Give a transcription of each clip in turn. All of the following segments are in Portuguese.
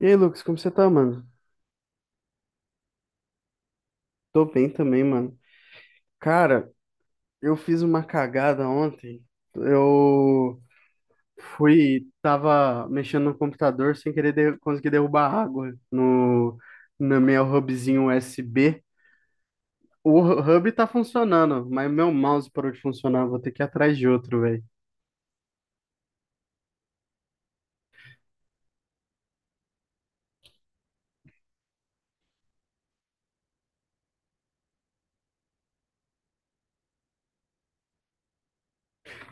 E aí, Lucas, como você tá, mano? Tô bem também, mano. Cara, eu fiz uma cagada ontem. Eu tava mexendo no computador sem querer conseguir derrubar água no meu hubzinho USB. O hub tá funcionando, mas meu mouse parou de funcionar. Vou ter que ir atrás de outro, velho.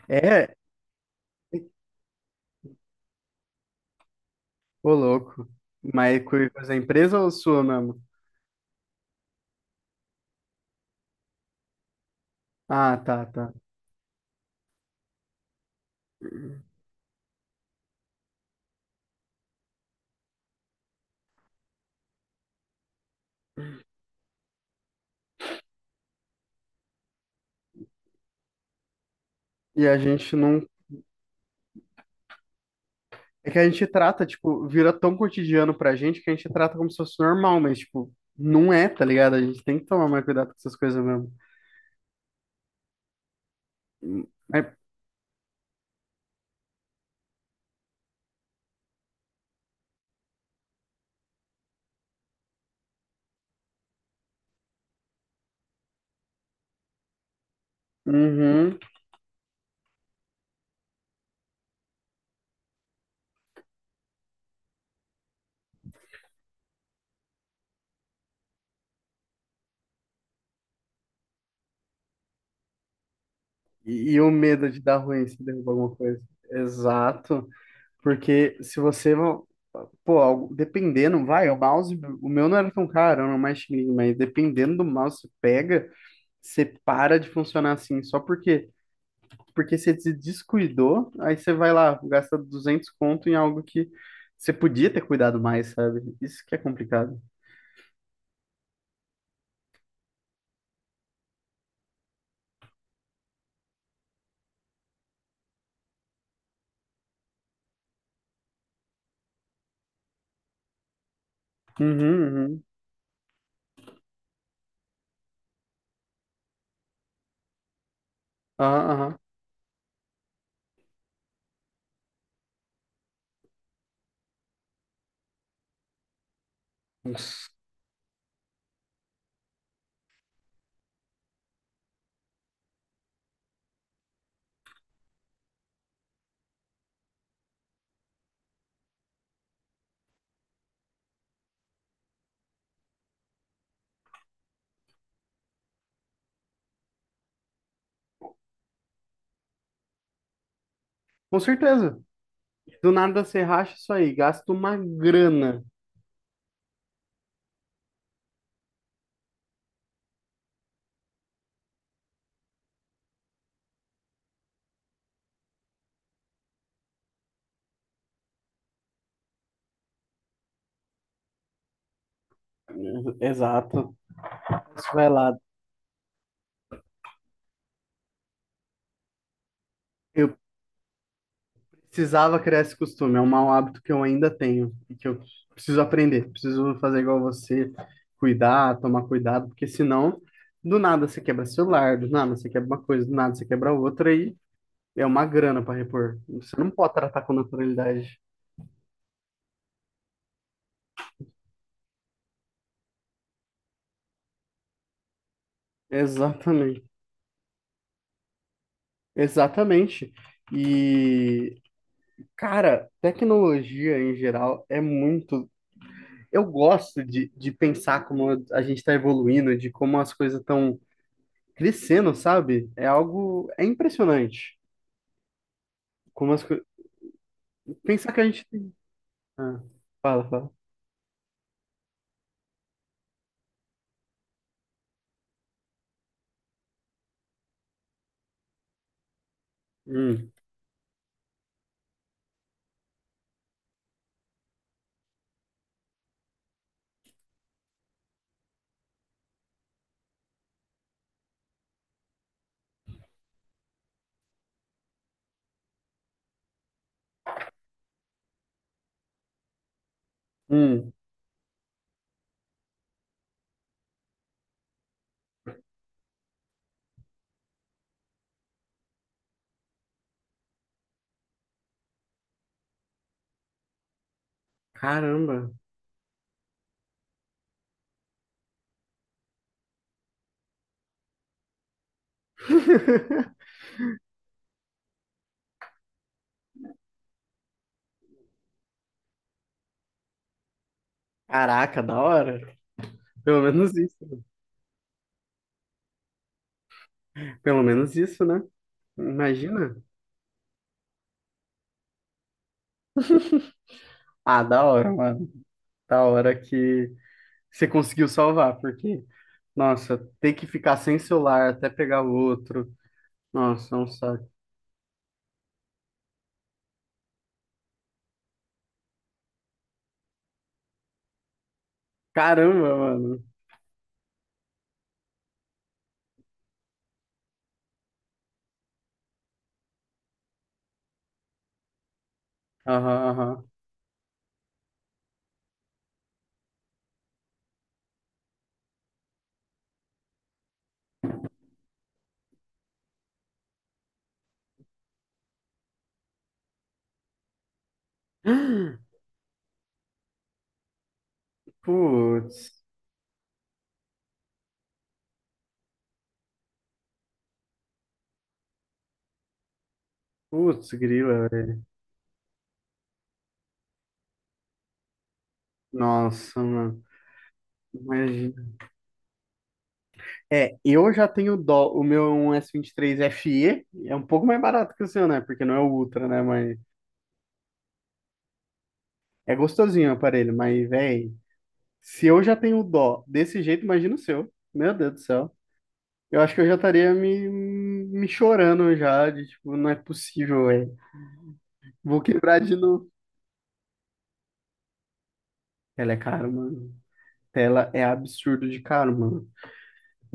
É, ô louco. Mas coisa da empresa ou sua mesmo? Ah, tá, tá. E a gente não. É que a gente trata, tipo, vira tão cotidiano pra gente que a gente trata como se fosse normal, mas, tipo, não é, tá ligado? A gente tem que tomar mais cuidado com essas coisas mesmo. É, uhum. E o medo de dar ruim se derrubar alguma coisa. Exato. Porque se você, pô, dependendo, vai, o mouse, o meu não era tão caro, era um mais chininho, mas dependendo do mouse que você pega, você para de funcionar assim, só porque você se descuidou, aí você vai lá, gasta 200 conto em algo que você podia ter cuidado mais, sabe? Isso que é complicado. Uhum, uhum. Aham, aham. Nossa. Com certeza. Do nada você racha isso aí, gasta uma grana. Exato. Você vai lá. Eu precisava criar esse costume, é um mau hábito que eu ainda tenho e que eu preciso aprender. Preciso fazer igual você, cuidar, tomar cuidado, porque senão do nada você quebra celular, do nada você quebra uma coisa, do nada você quebra outra e é uma grana para repor. Você não pode tratar com naturalidade. Exatamente. Exatamente. E, cara, tecnologia em geral é muito. Eu gosto de pensar como a gente está evoluindo, de como as coisas estão crescendo, sabe? É algo. É impressionante. Como as coisas. Pensar que a gente. Ah, fala, fala. Hum, hum. Caramba. Caraca, da hora. Pelo menos isso. Pelo menos isso, né? Imagina. Ah, da hora, mano. Da hora que você conseguiu salvar, porque, nossa, ter que ficar sem celular até pegar o outro. Nossa, é um saco. Caramba, mano. Aham, aham. Putz, grila, velho. Nossa, mano. Imagina. É, eu já tenho dó. O meu é um S23 vinte e FE, é um pouco mais barato que o seu, né? Porque não é o Ultra, né? Mas é gostosinho o aparelho. Mas, velho, se eu já tenho dó desse jeito, imagina o seu. Meu Deus do céu. Eu acho que eu já estaria me chorando já, de tipo, não é possível, velho. Vou quebrar de novo. Ela é cara, mano. Tela é absurdo de caro, mano.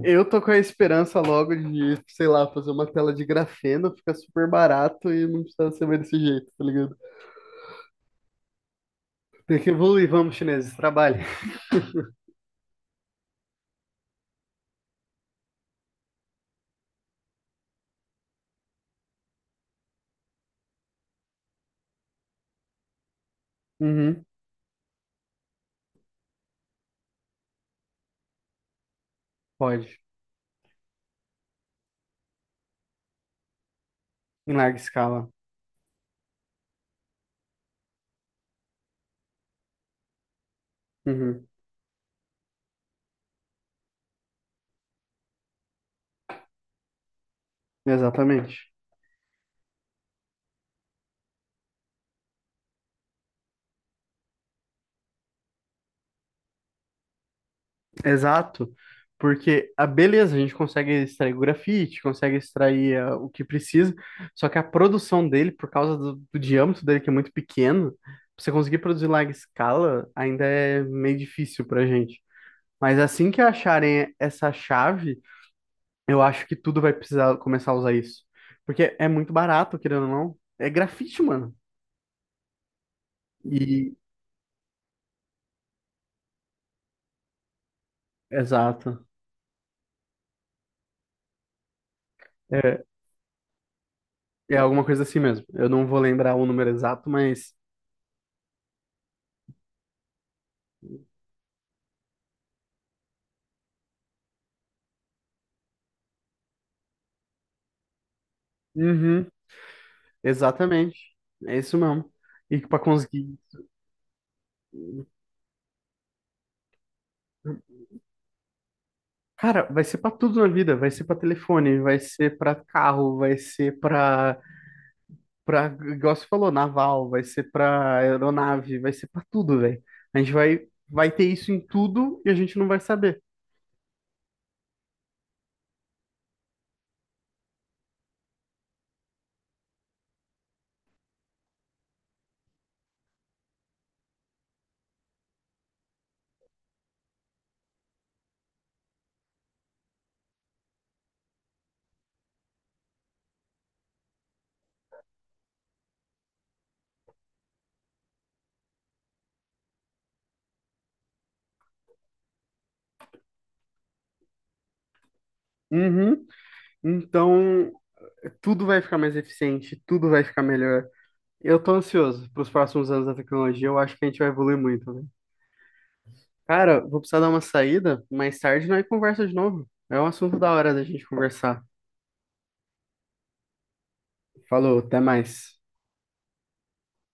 Eu tô com a esperança logo de, sei lá, fazer uma tela de grafeno, fica super barato e não precisa ser mais desse jeito, tá ligado? Tem que evoluir, vamos, chineses, trabalhe. Uhum, pode. Em larga escala. Uhum, exatamente. Exato, porque a beleza, a gente consegue extrair o grafite, consegue extrair ah, o que precisa, só que a produção dele, por causa do diâmetro dele, que é muito pequeno, pra você conseguir produzir em larga escala, ainda é meio difícil pra gente. Mas assim que acharem essa chave, eu acho que tudo vai precisar começar a usar isso. Porque é muito barato, querendo ou não. É grafite, mano. E, exato. É, é alguma coisa assim mesmo. Eu não vou lembrar o número exato, mas. Uhum. Exatamente. É isso mesmo. E para conseguir. Cara, vai ser para tudo na vida. Vai ser para telefone, vai ser para carro, vai ser para igual você falou, naval, vai ser para aeronave, vai ser para tudo, velho. A gente vai ter isso em tudo e a gente não vai saber. Uhum. Então, tudo vai ficar mais eficiente, tudo vai ficar melhor. Eu tô ansioso para os próximos anos da tecnologia. Eu acho que a gente vai evoluir muito. Cara, vou precisar dar uma saída. Mais tarde nós conversa de novo. É um assunto da hora da gente conversar. Falou, até mais.